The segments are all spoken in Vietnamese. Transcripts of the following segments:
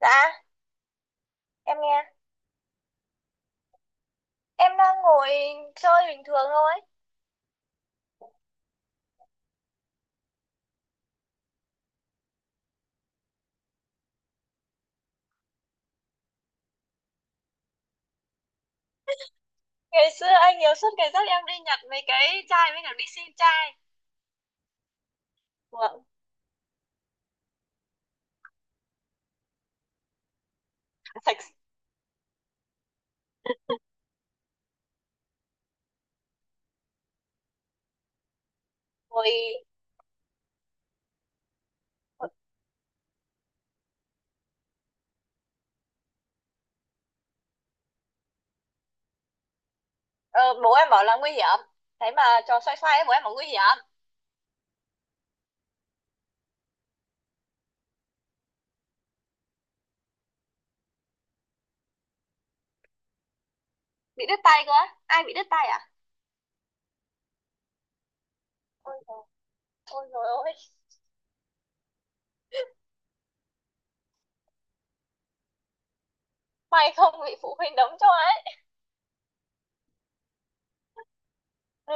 Dạ, em nghe. Em đang ngồi chơi bình thường thôi. Ngày xưa anh nhiều suốt ngày dắt em đi nhặt mấy cái chai với cả đi xin chai. Vâng. Sạch. Rồi ờ, bố em bảo là nguy hiểm. Thế mà trò xoay xoay ấy, bố em bảo nguy hiểm. Bị đứt tay cơ. Á. Ai bị đứt tay à? Ôi rồi, ôi rồi ôi. May không bị phụ huynh đấm cho ấy. Ừ.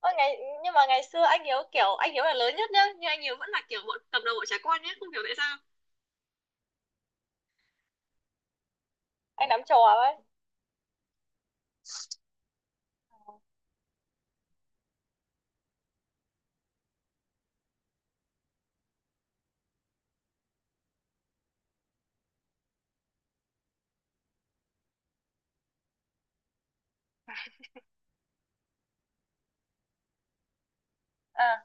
Ôi, ngày, nhưng mà ngày xưa anh Hiếu kiểu anh Hiếu là lớn nhất nhá, nhưng anh Hiếu vẫn là kiểu bọn cầm đầu bọn trẻ con nhé, không hiểu tại sao anh nắm trò ấy. À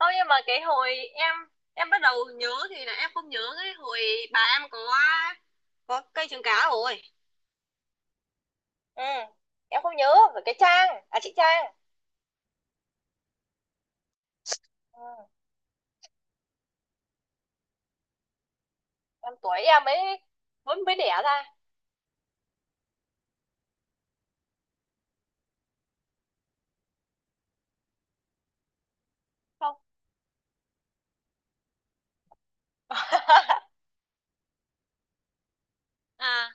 thôi, nhưng mà cái hồi em bắt đầu nhớ thì là em không nhớ cái hồi bà em có cây trứng cá rồi. Ừ, em không nhớ về cái Trang, à chị Trang. Ừ, em tuổi em mới mới mới đẻ ra. Không. À,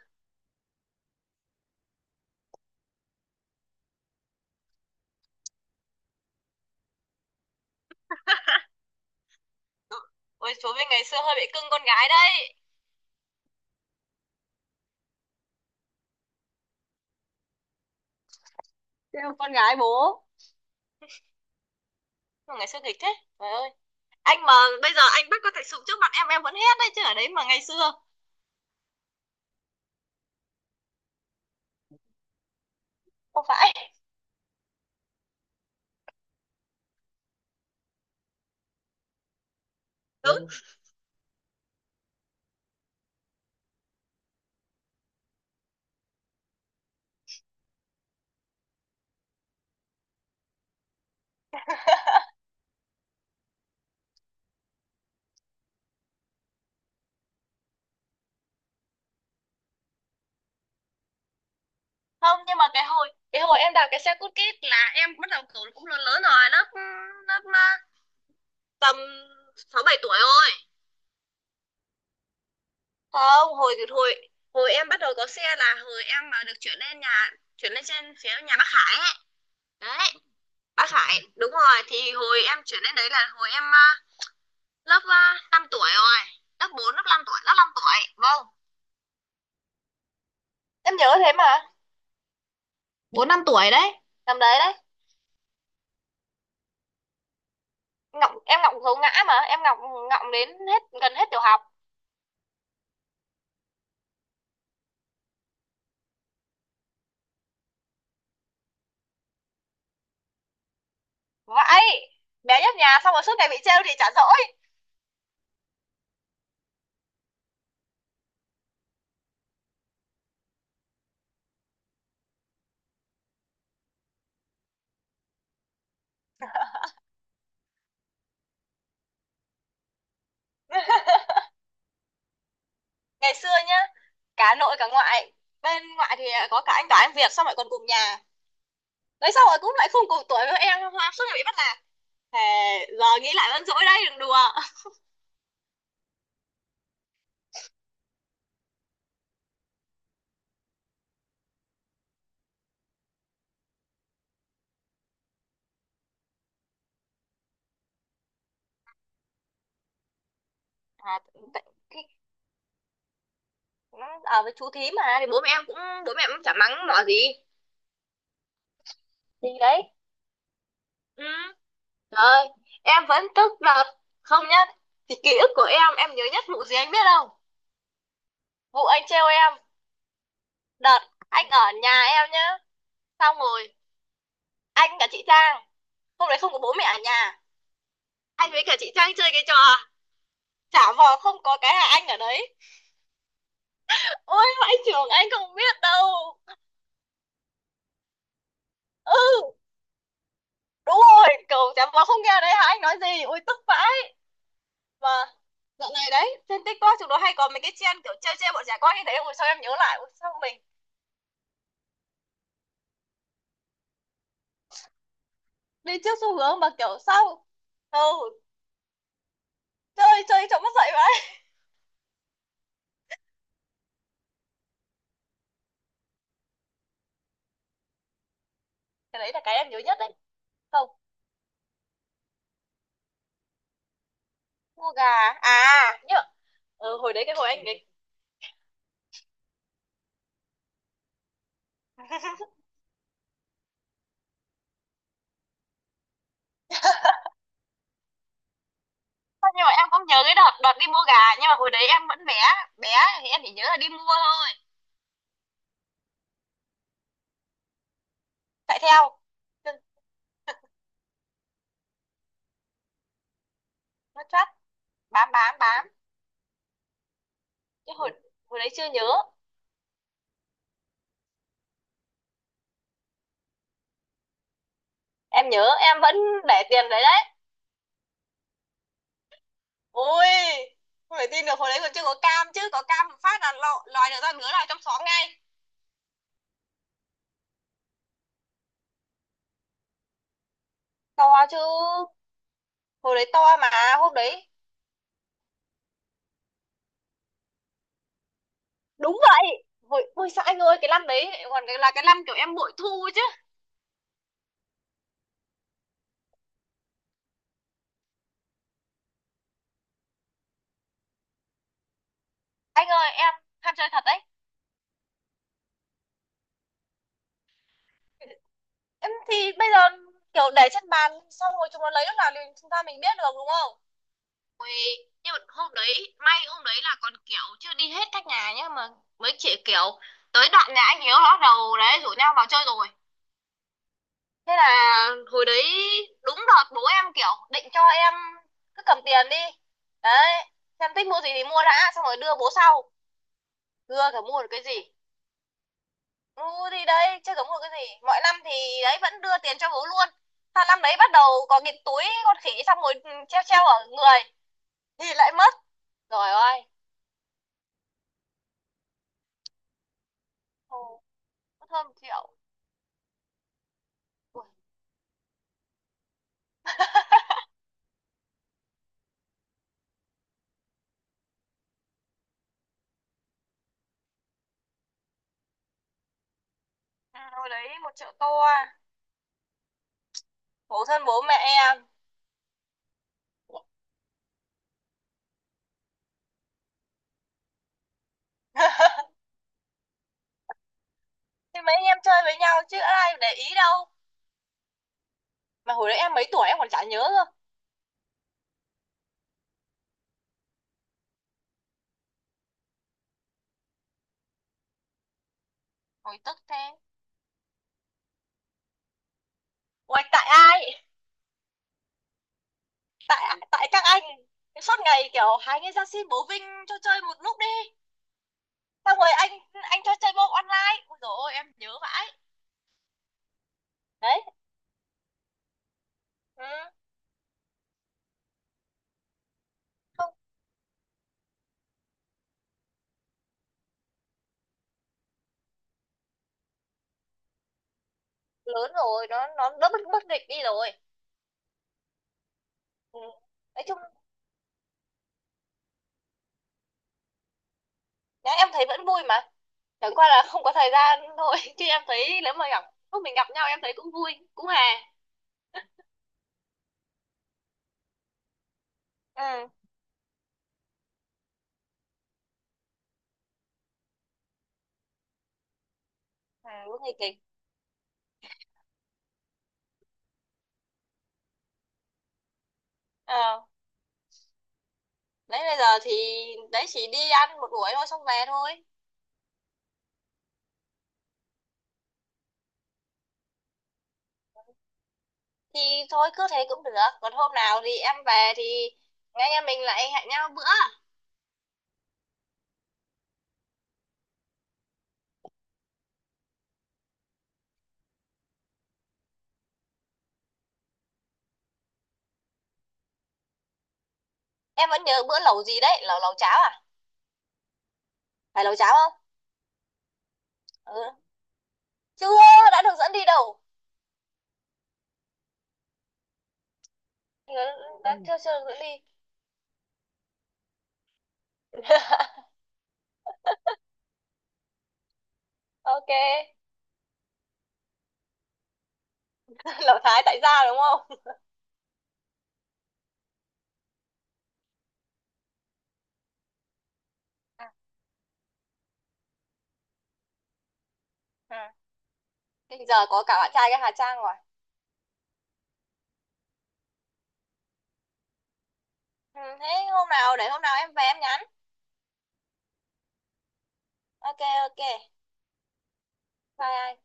ôi chú với ngày xưa hơi bị cưng con gái đấy. Thế em con gái bố. Mà ngày xưa nghịch thế. Trời ơi. Anh mà bây giờ anh bắt có thể sụp trước mặt em vẫn hét đấy chứ, ở đấy mà ngày xưa. Không phải. Đúng không, nhưng mà cái hồi em đạp cái xe cút kít là em bắt đầu kiểu cũng lớn lớn rồi, lớp lớp à, tầm sáu bảy tuổi rồi. Không, hồi hồi hồi em bắt đầu có xe là hồi em mà được chuyển lên nhà, chuyển lên trên phía nhà bác Khải ấy. Đấy, bác Khải đúng rồi, thì hồi em chuyển lên đấy là hồi em à, lớp 5 tuổi rồi, lớp 4 lớp 5 tuổi, lớp 5 tuổi, vâng. Em nhớ thế mà, bốn năm tuổi đấy, tầm đấy đấy. Ngọng, em ngọng gấu ngã mà, em ngọng, ngọng đến hết gần hết tiểu học. Vãi, bé nhất nhà xong rồi suốt ngày bị trêu thì chả dỗi. Ngày xưa nhá, cả nội cả ngoại. Bên ngoại thì có cả anh Toán anh Việt xong rồi còn cùng nhà. Đấy xong rồi cũng lại không cùng tuổi với em, suốt ngày bị bắt nạt. Thề, giờ nghĩ lại vẫn dỗi đấy, đừng đùa. À, nó ở với chú thím mà thì bố mẹ em cũng bố mẹ em cũng chả mắng mỏ gì. Thì đấy. Ừ. Rồi, em vẫn tức đợt không nhá. Thì ký ức của em nhớ nhất vụ gì anh biết không? Vụ anh trêu em đợt anh ở nhà em nhá. Xong rồi anh cả chị Trang hôm đấy không có bố mẹ ở nhà, anh với cả chị Trang chơi cái trò trả vò không có cái là anh ở đấy. Ôi vãi trường, anh không biết đâu. Ừ, đúng rồi, cầu trả vò không nghe đấy hả, anh nói gì, ôi tức vãi. Mà dạo này đấy trên TikTok chúng nó hay có mấy cái trend kiểu chơi chơi bọn trẻ con như thế, rồi sau em nhớ lại ôi sao mình đi trước xu hướng mà kiểu sao. Ừ, chơi chơi cho mất dậy vậy. Cái đấy là cái em nhớ nhất đấy. Không. Mua gà. À nhớ. Ừ, hồi đấy cái hồi anh cái. Thôi nhưng mà em không nhớ cái đợt đợt đi mua gà, nhưng mà hồi đấy em vẫn bé, bé thì em chỉ nhớ là đi mua thôi. Chạy theo. Chân nó chắc, bám bám bám. Chứ hồi hồi đấy chưa nhớ. Em nhớ em vẫn để tiền đấy đấy. Ôi không thể tin được, hồi đấy còn chưa có cam, chứ có cam một phát là lọ lòi được ra nửa lòi trong xóm ngay. To chứ, hồi đấy to mà. Hôm đấy đúng vậy, hồi ôi sao anh ơi, cái lăn đấy còn cái là cái lăn kiểu em bội thu chứ. Anh ơi em ham chơi thật đấy. Em thì bây giờ kiểu để trên bàn xong rồi chúng nó lấy lúc nào thì chúng ta mình biết được đúng không? Ui, nhưng mà hôm đấy may, hôm đấy là còn kiểu chưa đi hết các nhà nhá mà mấy chị kiểu tới đoạn nhà anh Hiếu nó bắt đầu đấy rủ nhau vào chơi rồi. Thế là hồi đấy đúng đợt bố em kiểu định cho em cứ cầm tiền đi đấy, em thích mua gì thì mua đã xong rồi đưa bố sau, đưa cả mua được cái gì. Ừ thì đấy, chứ giống một cái gì. Mọi năm thì đấy vẫn đưa tiền cho bố luôn. Sang năm đấy bắt đầu có cái túi con khỉ xong rồi treo treo ở người. Thì lại mất. Rồi ơi. Ồ, mất hơn một triệu. Ui, à, hồi đấy một triệu tô à. Khổ thân bố mẹ em. Thì mấy anh em chơi với nhau chứ ai để ý đâu. Mà hồi đấy em mấy tuổi em còn chả nhớ cơ. Hồi tức thế. Ui, tại ai? Tại tại các anh. Suốt ngày kiểu hai người ra xin bố Vinh cho chơi một lúc đi. Xong rồi anh cho chơi môn online, ôi dồi ôi em nhớ vãi đấy. Ừ. Không, lớn rồi nó đỡ bất bất định đi rồi. Ừ. Nói chung nhá, em thấy vẫn vui mà, chẳng qua là không có thời gian thôi. Chứ em thấy nếu mà gặp, lúc mình gặp nhau em thấy cũng vui cũng hè. Ừ, ừ cũng nghịch kịch. Ờ, đấy bây giờ thì đấy chỉ đi ăn một buổi thôi xong về thôi. Thì thôi cứ thế cũng được, còn hôm nào thì em về thì anh em mình lại hẹn nhau bữa. Em vẫn nhớ bữa lẩu gì đấy, lẩu lẩu cháo à, phải lẩu cháo không. Ừ chưa, đã được dẫn đi đâu. Đã ừ, chưa, chưa được dẫn đi. OK. Lão Thái tại gia đúng không. Ừ. Thế giờ có cả bạn trai cái Hà Trang rồi. Ừ, thế hôm nào để hôm nào em về em nhắn. OK. OK. Bye.